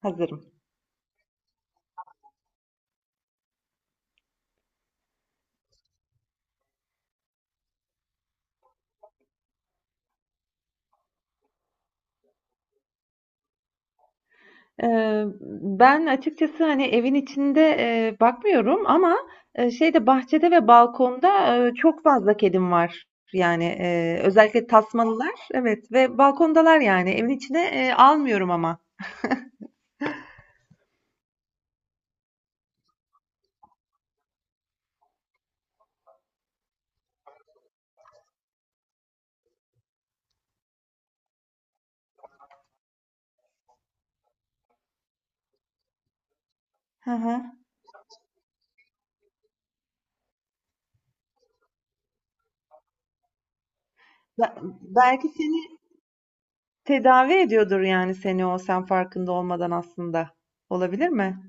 Hazırım. Eee, ben açıkçası, hani, evin içinde, bakmıyorum ama, şeyde bahçede ve balkonda, çok fazla kedim var. Yani, özellikle tasmalılar, evet ve balkondalar yani. Evin içine, almıyorum ama. Hı hı. Be belki seni tedavi ediyordur yani seni o, sen farkında olmadan aslında. Olabilir mi?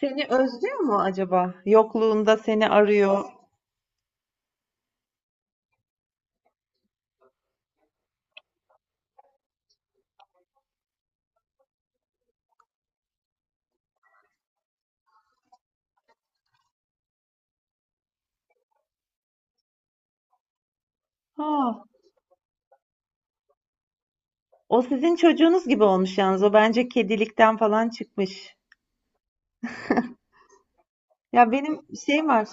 Seni özlüyor mu acaba? Yokluğunda seni arıyor. Ha, o sizin çocuğunuz gibi olmuş yalnız. O bence kedilikten falan çıkmış. Ya benim şey var.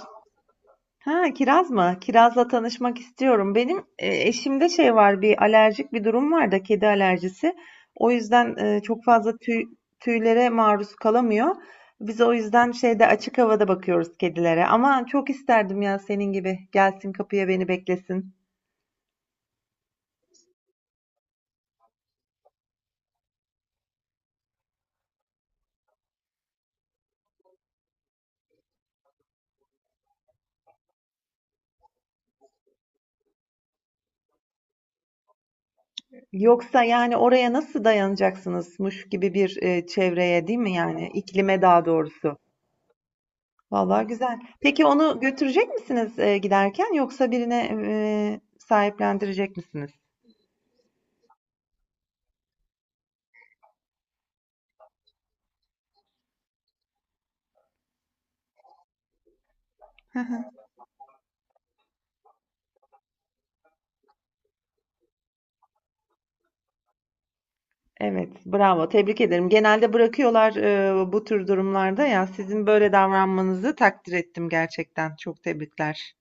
Ha, kiraz mı? Kirazla tanışmak istiyorum. Benim eşimde şey var, bir alerjik bir durum var da kedi alerjisi. O yüzden çok fazla tüylere maruz kalamıyor. Biz o yüzden şeyde açık havada bakıyoruz kedilere. Ama çok isterdim ya senin gibi gelsin kapıya beni beklesin. Yoksa yani oraya nasıl dayanacaksınızmış gibi bir çevreye değil mi yani iklime daha doğrusu. Vallahi güzel. Peki onu götürecek misiniz giderken yoksa birine sahiplendirecek misiniz? Evet, bravo. Tebrik ederim. Genelde bırakıyorlar bu tür durumlarda ya. Sizin böyle davranmanızı takdir ettim gerçekten. Çok tebrikler.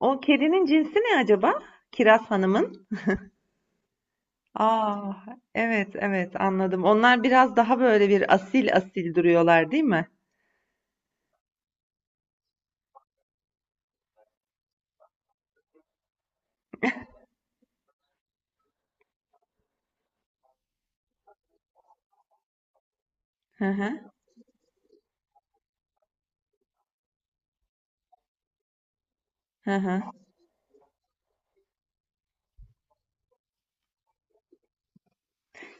O kedinin cinsi ne acaba? Kiraz Hanım'ın. Aa, evet evet anladım. Onlar biraz daha böyle bir asil asil duruyorlar değil mi? Hı hı, hı hı.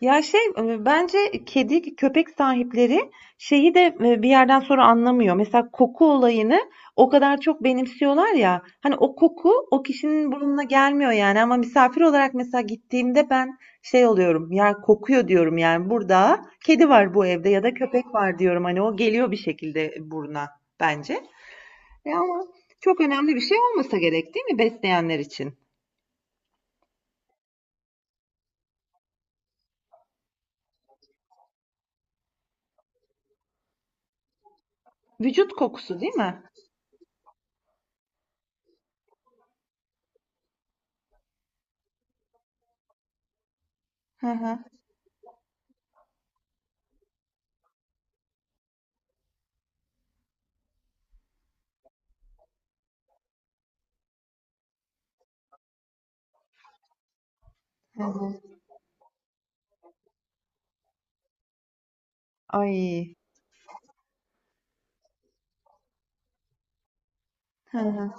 Ya şey bence kedi köpek sahipleri şeyi de bir yerden sonra anlamıyor. Mesela koku olayını o kadar çok benimsiyorlar ya. Hani o koku o kişinin burnuna gelmiyor yani ama misafir olarak mesela gittiğimde ben şey oluyorum. Ya kokuyor diyorum yani burada kedi var bu evde ya da köpek var diyorum. Hani o geliyor bir şekilde buruna bence. Ya ama çok önemli bir şey olmasa gerek değil mi besleyenler için? Vücut kokusu değil mi? Hı hı. Hı hı. Ay. Hı hı.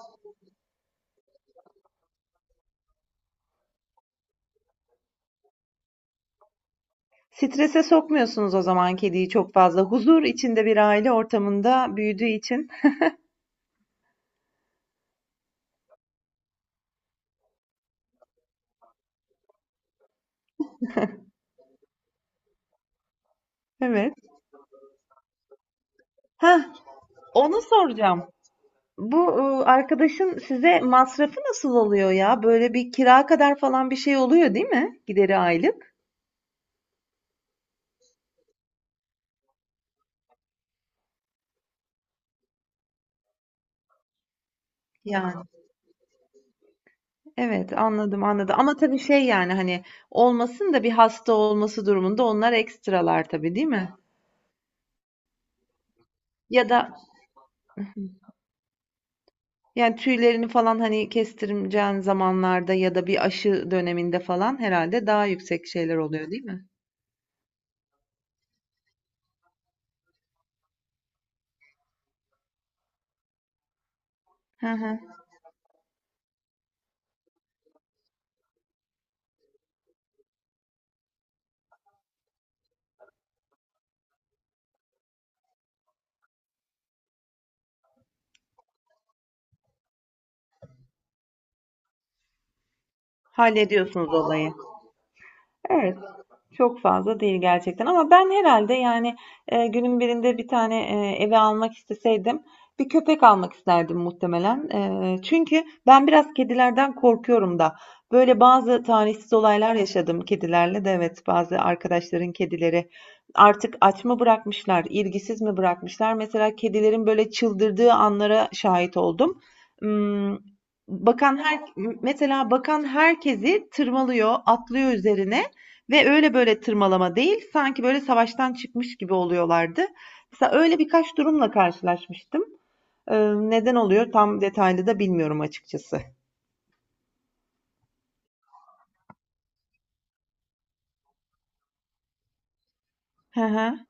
Strese sokmuyorsunuz o zaman kediyi çok fazla. Huzur içinde bir aile ortamında büyüdüğü için. Evet. Heh, onu soracağım. Bu arkadaşın size masrafı nasıl oluyor ya? Böyle bir kira kadar falan bir şey oluyor değil mi? Gideri aylık. Yani evet anladım anladım. Ama tabii şey yani hani olmasın da bir hasta olması durumunda onlar ekstralar tabii değil mi? Ya da Yani tüylerini falan hani kestireceğin zamanlarda ya da bir aşı döneminde falan herhalde daha yüksek şeyler oluyor değil mi? Hı hı. Hallediyorsunuz olayı. Evet. Çok fazla değil gerçekten ama ben herhalde yani günün birinde bir tane eve almak isteseydim bir köpek almak isterdim muhtemelen. Çünkü ben biraz kedilerden korkuyorum da. Böyle bazı talihsiz olaylar yaşadım kedilerle de evet bazı arkadaşların kedileri artık aç mı bırakmışlar, ilgisiz mi bırakmışlar? Mesela kedilerin böyle çıldırdığı anlara şahit oldum. Hmm, Bakan her mesela bakan herkesi tırmalıyor, atlıyor üzerine. Ve öyle böyle tırmalama değil, sanki böyle savaştan çıkmış gibi oluyorlardı. Mesela öyle birkaç durumla karşılaşmıştım. Neden oluyor tam detaylı da bilmiyorum açıkçası. Hı hı.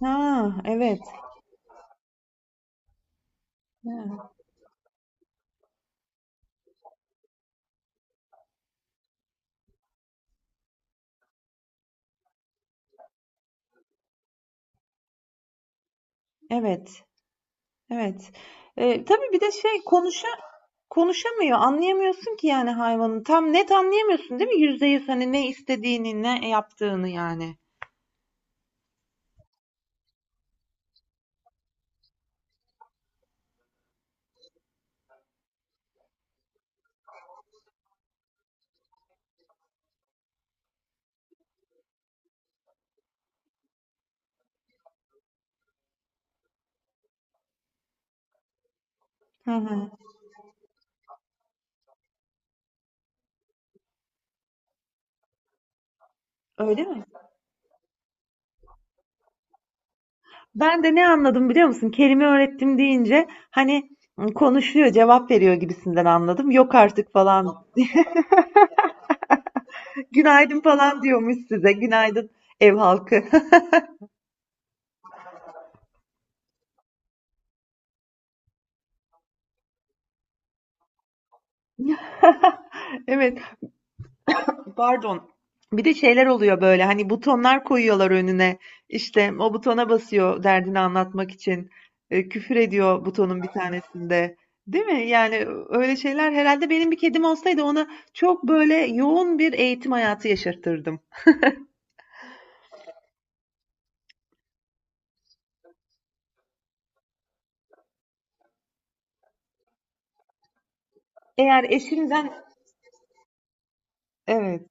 Ha, evet. Ha, evet. Evet. Tabii bir de şey konuşamıyor. Anlayamıyorsun ki yani hayvanın. Tam net anlayamıyorsun değil mi? Yüzde yüz hani ne istediğini, ne yaptığını yani. Hı hı. Öyle mi? Ben de ne anladım biliyor musun? Kelime öğrettim deyince hani konuşuyor, cevap veriyor gibisinden anladım. Yok artık falan. Günaydın falan diyormuş size. Günaydın ev halkı. Evet, pardon. Bir de şeyler oluyor böyle hani butonlar koyuyorlar önüne. İşte o butona basıyor derdini anlatmak için. Küfür ediyor butonun bir tanesinde. Değil mi? Yani öyle şeyler herhalde benim bir kedim olsaydı ona çok böyle yoğun bir eğitim hayatı yaşatırdım. Eğer eşimden evet.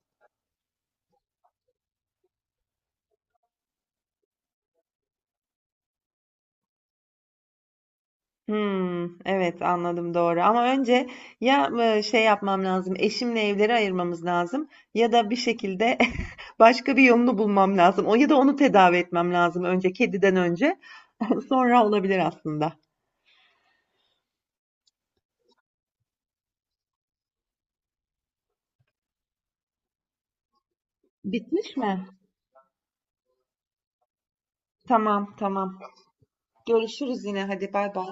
Hımm. Evet, anladım, doğru ama önce ya, şey yapmam lazım, eşimle evleri ayırmamız lazım ya da bir şekilde başka bir yolunu bulmam lazım. O ya da onu tedavi etmem lazım önce, kediden önce. Sonra olabilir aslında. Bitmiş mi? Tamam, tamam. Görüşürüz yine. Hadi, bay bay.